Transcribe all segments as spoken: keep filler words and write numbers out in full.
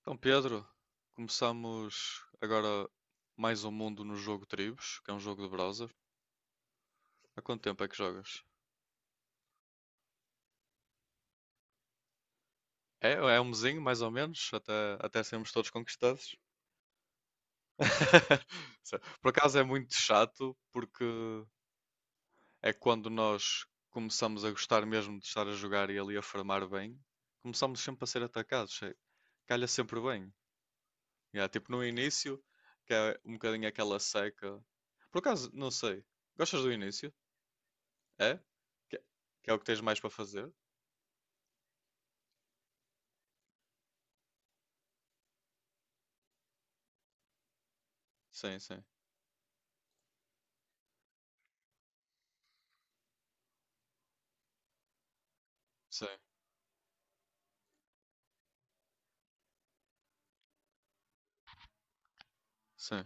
Então, Pedro, começamos agora mais um mundo no jogo Tribos, que é um jogo de browser. Há quanto tempo é que jogas? É, é um mesinho, mais ou menos, até, até sermos todos conquistados. Sé- Por acaso é muito chato, porque é quando nós começamos a gostar mesmo de estar a jogar e ali a farmar bem, começamos sempre a ser atacados, sei. Calha sempre bem. E é, tipo no início, que é um bocadinho aquela seca. Por acaso, não sei. Gostas do início? É? Que, que é o que tens mais para fazer? Sim, sim, sim, sim.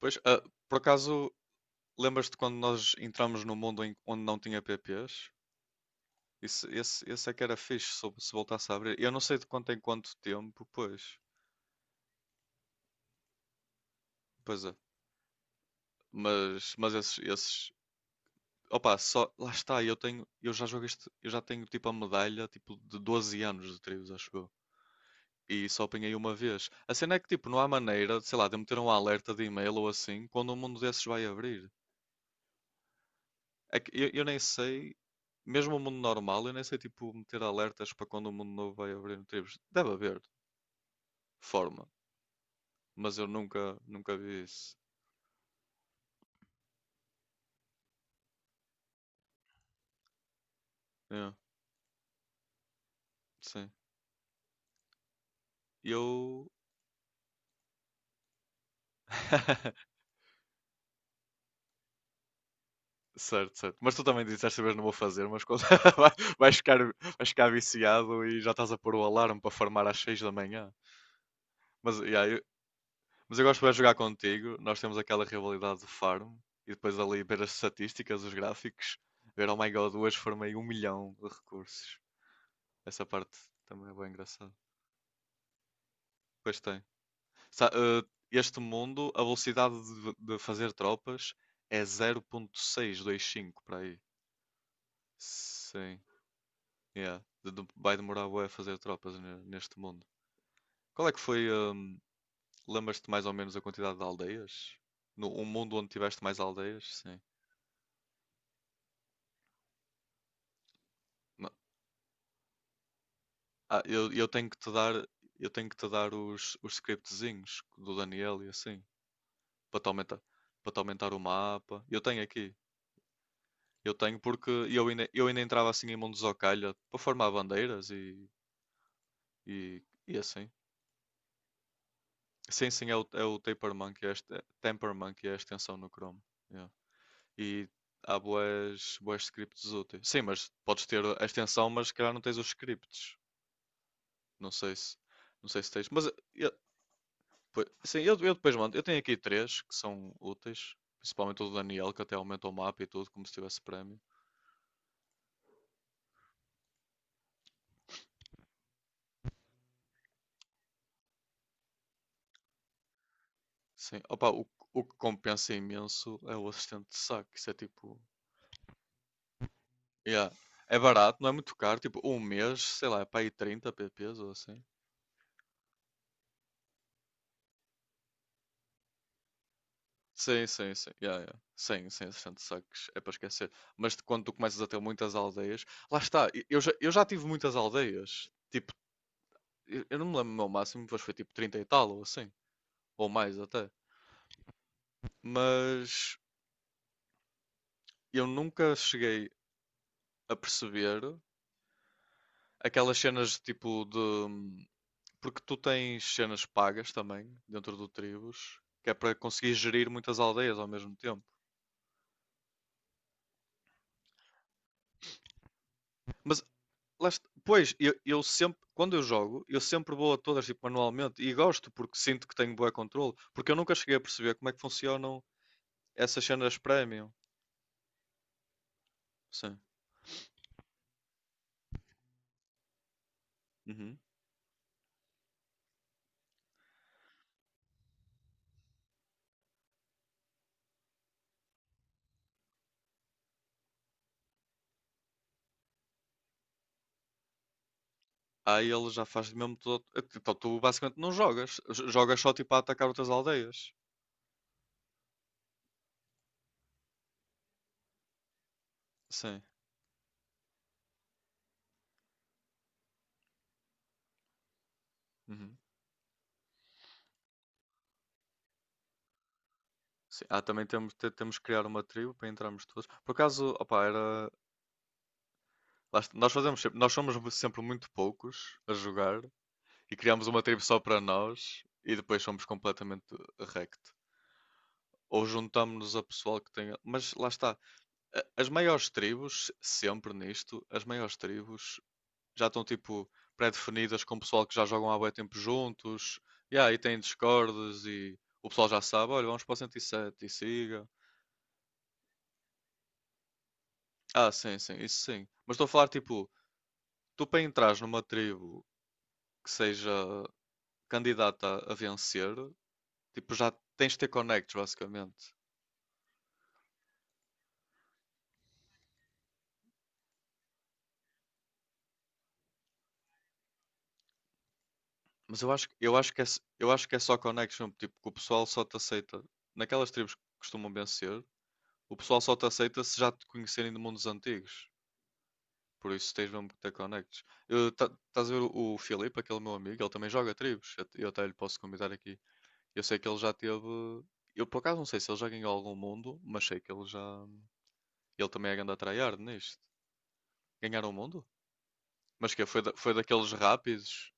Pois, ah, por acaso, lembras-te quando nós entramos no mundo em- onde não tinha P Ps? Isso, esse, esse esse é que era fixe se, se voltasse a abrir. Eu não sei de quanto em quanto tempo, pois. Pois é. Mas, mas esses, esses... Opa, só... Lá está, eu tenho... Eu já jogo este... Eu já tenho, tipo, a medalha, tipo, de doze anos de trios, acho eu. E só apanhei uma vez. A cena é que, tipo, não há maneira, sei lá, de meter um alerta de e-mail ou assim, quando um mundo desses vai abrir. É que eu, eu nem sei, mesmo o mundo normal, eu nem sei tipo meter alertas para quando o mundo novo vai abrir no tribos. Deve haver forma, mas eu nunca, nunca vi isso. É, sim. Eu. Certo, certo. Mas tu também disseste desta vez não vou fazer, mas quando vai- vais ficar, vais ficar viciado e já estás a pôr o alarme para farmar às seis da manhã. Mas, yeah, eu, mas eu gosto de jogar contigo. Nós temos aquela rivalidade do farm e depois ali ver as estatísticas, os gráficos, ver, oh my god, hoje farmei um milhão de recursos. Essa parte também é bem engraçada. Pois tem. Sa- eh, Este mundo, a velocidade de, de fazer tropas é zero ponto seiscentos e vinte e cinco para aí. Sim. Yeah. De- de- vai demorar bué a fazer tropas ne- neste mundo. Qual é que foi, hum, lembras-te mais ou menos a quantidade de aldeias? No, um mundo onde tiveste mais aldeias? Sim. Ma- Ah, eu, eu tenho que te dar, eu tenho que te dar os, os scriptzinhos do Daniel e assim, para te aumentar, para te aumentar o mapa. Eu tenho aqui. Eu tenho porque eu ainda, eu ainda entrava assim em mundos ao calha para formar bandeiras e, e, e assim. Sim, sim, é o, é o Taper Monkey, é este, é- Temper Monkey, é a extensão no Chrome. Yeah. E há boas, boas scripts úteis. Sim, mas podes ter a extensão, mas se calhar não tens os scripts. Não sei se, não sei se tens. Mas eh, eu, pois- sim, eu, eu depois mando. Eu tenho aqui três que são úteis, principalmente o do Daniel, que até aumenta o mapa e tudo, como se tivesse prémio. Sim, opa, o, o que compensa imenso é o assistente de saque. Isso é tipo. Yeah. É barato, não é muito caro. Tipo, um mês, sei lá, é para aí trinta P Ps ou assim. Sim, sim, sim. Yeah, yeah. Sim, sem assistente de saques, é para esquecer. Mas de quando tu começas a ter muitas aldeias. Lá está, e- eu já, eu já tive muitas aldeias. Tipo, eu eu não me lembro o meu máximo, mas foi tipo trinta e tal ou assim. Ou mais até. Mas eu nunca cheguei a perceber aquelas cenas tipo de. hum, Porque tu tens cenas pagas também dentro do Tribos, que é para conseguir gerir muitas aldeias ao mesmo tempo. Mas, lá está- pois, eu, eu sempre, quando eu jogo, eu sempre vou a todas tipo, manualmente e gosto porque sinto que tenho bom controle, porque eu nunca cheguei a perceber como é que funcionam essas cenas premium. Sim. Uhum. Aí ele já faz mesmo todo. Então tu basicamente não jogas, j- jogas só tipo a atacar outras aldeias. Sim. Uhum. Sim. Ah, também temos, te- temos que criar uma tribo para entrarmos todos. Por acaso, opá, era. Lá está- Nós fazemos sempre, nós somos sempre muito poucos a jogar e criamos uma tribo só para nós e depois somos completamente wrecked. Ou juntamos-nos a pessoal que tenha. Mas lá está. a- As maiores tribos, sempre nisto, as maiores tribos já estão tipo pré-definidas com o pessoal que já jogam há bué tempo juntos. E aí tem discordes e o pessoal já sabe, olha, vamos para o cento e sete e siga. Ah, sim, sim, isso sim. Mas estou a falar tipo, tu para entrares numa tribo que seja candidata a vencer, tipo, já tens de ter connects, basicamente. Mas eu acho, eu acho que é, s- eu acho que é só connection, tipo, que o pessoal só te aceita. Naquelas tribos que costumam vencer, o pessoal só te aceita se já te conhecerem de mundos antigos. Por isso tens mesmo que ter connects. Eu- tá- Estás a ver o, o Filipe, aquele meu amigo, ele também joga tribos. Eu, eu até lhe posso convidar aqui. Eu sei que ele já teve. Eu por acaso não sei se ele já ganhou algum mundo, mas sei que ele já. Ele também é grande a tryhard nisto. Ganhar um mundo? Mas que foi, da- foi daqueles rápidos.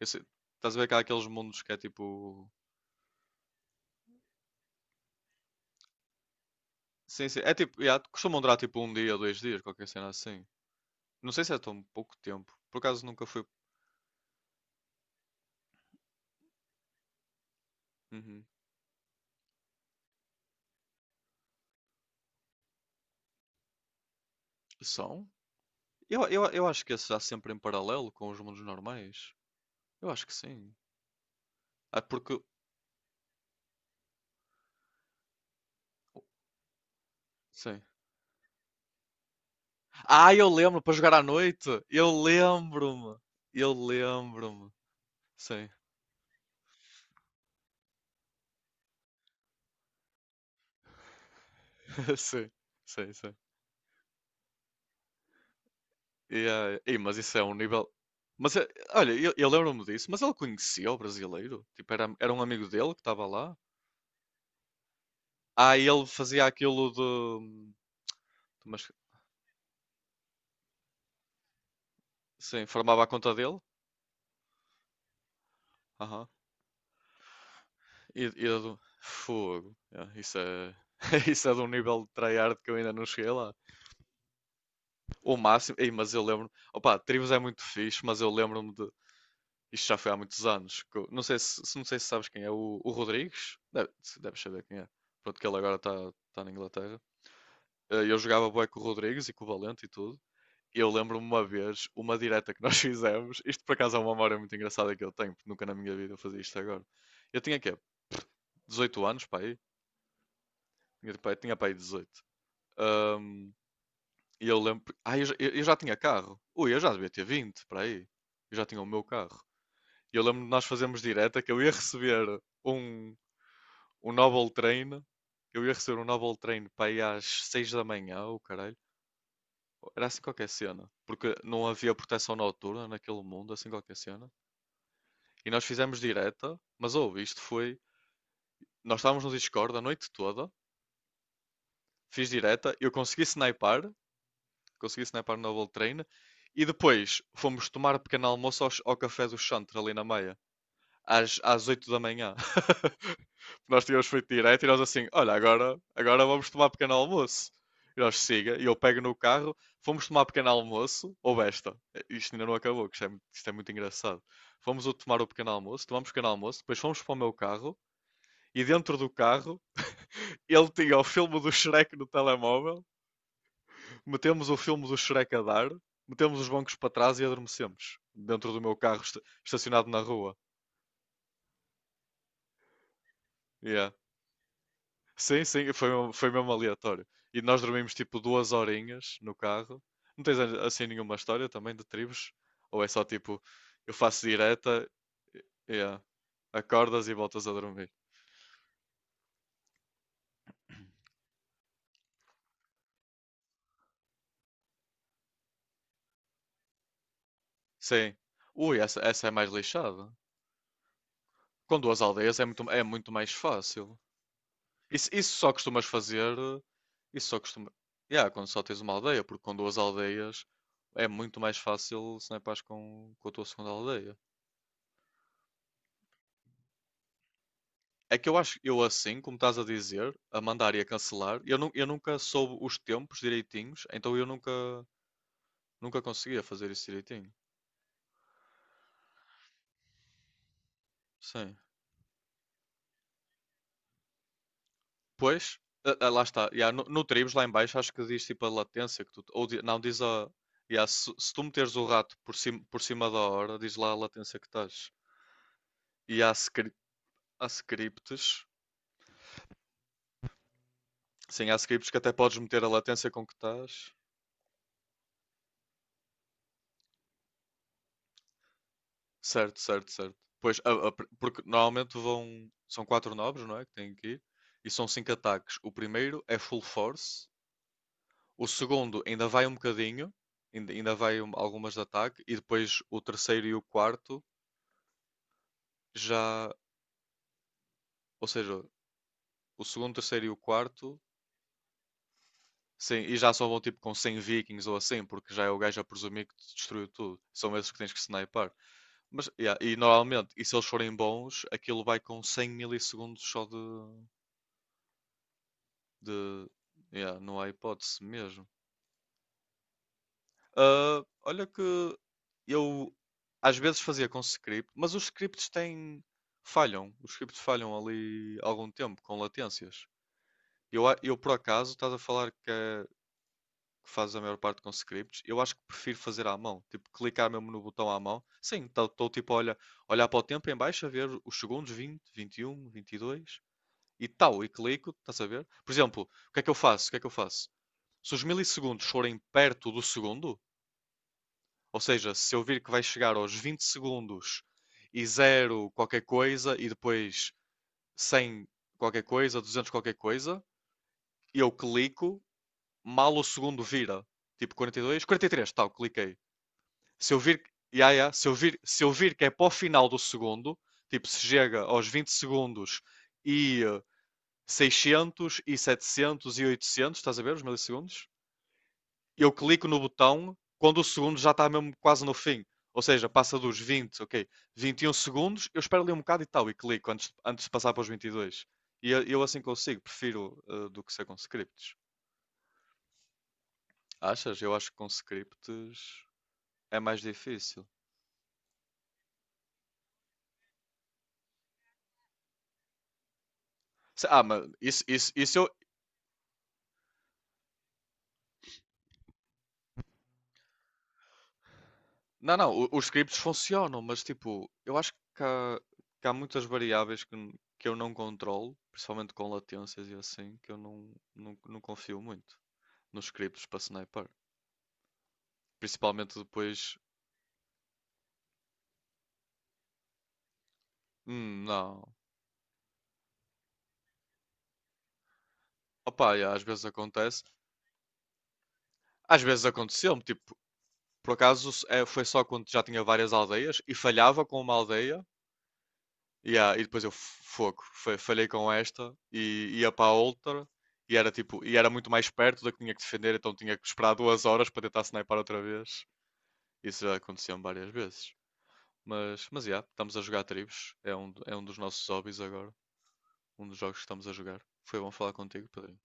Eu sei- estás a ver que aqueles mundos que é tipo. Sim, sim. É tipo. Yeah, costumam durar tipo um dia, dois dias, qualquer cena assim. Não sei se é tão pouco tempo. Por acaso nunca fui. Uhum. São? Eu, eu, eu acho que esse está sempre em paralelo com os mundos normais. Eu acho que sim. Ah, porque. Sim. Ah, eu lembro para jogar à noite! Eu lembro-me! Eu lembro-me! Sim. Sim, sim, sim. Yeah. Ei, mas isso é um nível. Mas é- Olha, eu, eu lembro-me disso, mas ele conhecia o brasileiro? Tipo, era, era um amigo dele que estava lá? Ah, e ele fazia aquilo de. Mas, sim, formava a conta dele? Aham. E, e do. Fogo. Yeah, isso é. Isso é de um nível de tryhard que eu ainda não cheguei lá. O máximo. Ei, mas eu lembro. Opa, Tribos é muito fixe, mas eu lembro-me de. Isto já foi há muitos anos. que eu- Não sei se, se- não sei se sabes quem é o, o Rodrigues. Deve, se- Deves saber quem é. Pronto, que ele agora está tá tá na Inglaterra. Eh, Eu jogava bué com o Rodrigues e com o Valente e tudo. Eu lembro-me uma vez, uma direta que nós fizemos. Isto por acaso é uma memória muito engraçada que eu tenho, porque nunca na minha vida eu fazia isto agora. Eu tinha quê? dezoito anos, pá aí? Tinha tinha pá aí dezoito. Ahm, e eu lembro. Ah, eu, já- eu- já tinha carro. Ui, eu já devia ter vinte, para aí. Eu já tinha o meu carro. E eu lembro de nós fazermos direta que eu ia receber um, um Noble Train. Eu ia receber um Noble Train para aí às seis da manhã, o caralho. Era assim qualquer cena, porque não havia proteção noturna naquele mundo, assim qualquer cena. E nós fizemos direta, mas ouve, isto foi. Nós estávamos no Discord a noite toda, fiz direta, eu consegui snipar, consegui snipar no Double Train, e depois fomos tomar pequeno almoço aos- ao, café do Chantre ali na meia, às, às oito da manhã. Nós tínhamos feito direto e nós assim, olha, agora, agora vamos tomar pequeno almoço. E nós siga, e eu pego no carro, fomos tomar pequeno almoço, ou esta, isto ainda não acabou, que isto é, mu- isto é muito engraçado. Fomos o- tomar o pequeno almoço, tomamos o pequeno almoço, depois fomos para o meu carro, e dentro do carro ele tinha o filme do Shrek no telemóvel, metemos o filme do Shrek a dar, metemos os bancos para trás e adormecemos. Dentro do meu carro esta- estacionado na rua. Yeah. Sim, sim, foi, mesmo- foi mesmo aleatório. E nós dormimos tipo duas horinhas no carro. Não tens a- assim nenhuma história também de tribos? Ou é só tipo, eu faço direta, yeah, acordas e voltas a dormir? Sim. Ui, essa, essa é mais lixada. Com duas aldeias é muito, é muito mais fácil. Isso, isso só costumas fazer. eh, Isso só costuma. Yeah, quando só tens uma aldeia, porque com duas aldeias é muito mais fácil se não é com, com a tua segunda aldeia. É que eu acho eu assim, como estás a dizer, a mandar e a cancelar, eu, nu eu nunca soube os tempos direitinhos, então eu nunca, nunca conseguia fazer isso direitinho. Sim. Pois, ah, ah, lá está. Yeah, no, no Tribes, lá em baixo, acho que diz tipo a latência que tu, ou di- não, diz a. Yeah, se, se tu meteres o rato por cima, por cima da hora, diz lá a latência que estás. E há, scri- há scripts, sim, há scripts que até podes meter a latência com que estás. Certo, certo, certo. Pois, a- a pr- porque normalmente vão. São quatro nobres, não é? Que têm que ir. E são cinco ataques. O primeiro é full force. O segundo ainda vai um bocadinho. Ainda, ainda vai um- algumas de ataque. E depois o terceiro e o quarto já. Ou seja, o segundo, terceiro e o quarto. Sim, e já só vão tipo com cem vikings ou assim, porque já é o gajo a presumir que te destruiu tudo. São esses que tens que sniper. Mas, yeah, e normalmente, e se eles forem bons, aquilo vai com cem milissegundos só de, De, yeah, não há hipótese mesmo. Ah, olha que eu às vezes fazia com script, mas os scripts têm, falham. Os scripts falham ali algum tempo, com latências. Eu, a- eu por acaso, estás a falar que, é- que fazes a maior parte com scripts, eu acho que prefiro fazer à mão. Tipo, clicar mesmo no botão à mão. Sim, estou tipo a olha, olhar para o tempo em baixo, a ver os segundos vinte, vinte e um, vinte e dois e dois, e tal, e clico, estás a ver? Por exemplo, o que é que eu faço? O que é que eu faço? Se os milissegundos forem perto do segundo, ou seja, se eu vir que vai chegar aos vinte segundos e zero qualquer coisa e depois cem qualquer coisa, duzentos qualquer coisa, eu clico, mal o segundo vira, tipo quarenta e dois, quarenta e três, tal, cliquei. Se eu vir, yeah, yeah, se eu vir, se eu vir que é para o final do segundo, tipo se chega aos vinte segundos e eh, seiscentos e setecentos e oitocentos, estás a ver os milissegundos? Eu clico no botão quando o segundo já está mesmo quase no fim. Ou seja, passa dos vinte, ok, vinte e um segundos, eu espero ali um bocado e tal, e clico antes, antes de passar para os vinte e dois. E dois. E eu, eu assim consigo, prefiro eh, do que ser com scripts. Achas? Eu acho que com scripts é mais difícil. Se- Ah, mas isso, isso, isso eu. Não, não, o- os scripts funcionam, mas tipo, eu acho que há, que há muitas variáveis que, n- que eu não controlo, principalmente com latências e assim, que eu não, não, não confio muito nos scripts para sniper. Principalmente depois. Hum, não. Opa, yeah, às vezes acontece. Às vezes aconteceu-me, tipo, por acaso é, foi só quando já tinha várias aldeias e falhava com uma aldeia. Yeah, e depois eu f- fogo, fa- falhei com esta e ia para a outra e era tipo, e era muito mais perto da que tinha que defender, então tinha que esperar duas horas para tentar snipar outra vez. Isso já aconteceu várias vezes. Mas, mas yeah, estamos a jogar tribos. É um, do- é um dos nossos hobbies agora. Um dos jogos que estamos a jogar. Foi bom falar contigo, Pedrinho.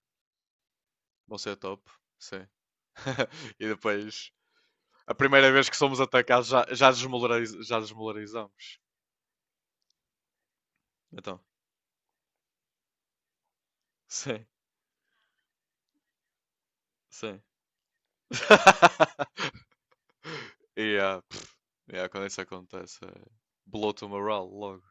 Você é top. Sim. E depois, a primeira vez que somos atacados, já, já, desmolariz- já desmolarizamos. Então, sim, sim. E ah, pff, yeah, quando isso acontece, é blow to morale logo.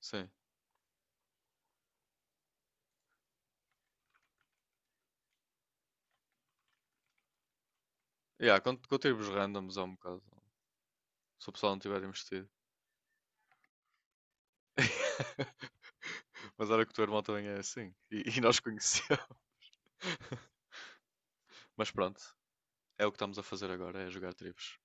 Sim. Yeah, com, com tiros randoms é um bocado. Se o pessoal não tiver investido. Mas era que o teu irmão também é assim. E, e nós conhecemos. Mas pronto, é o que estamos a fazer agora, é jogar tribos.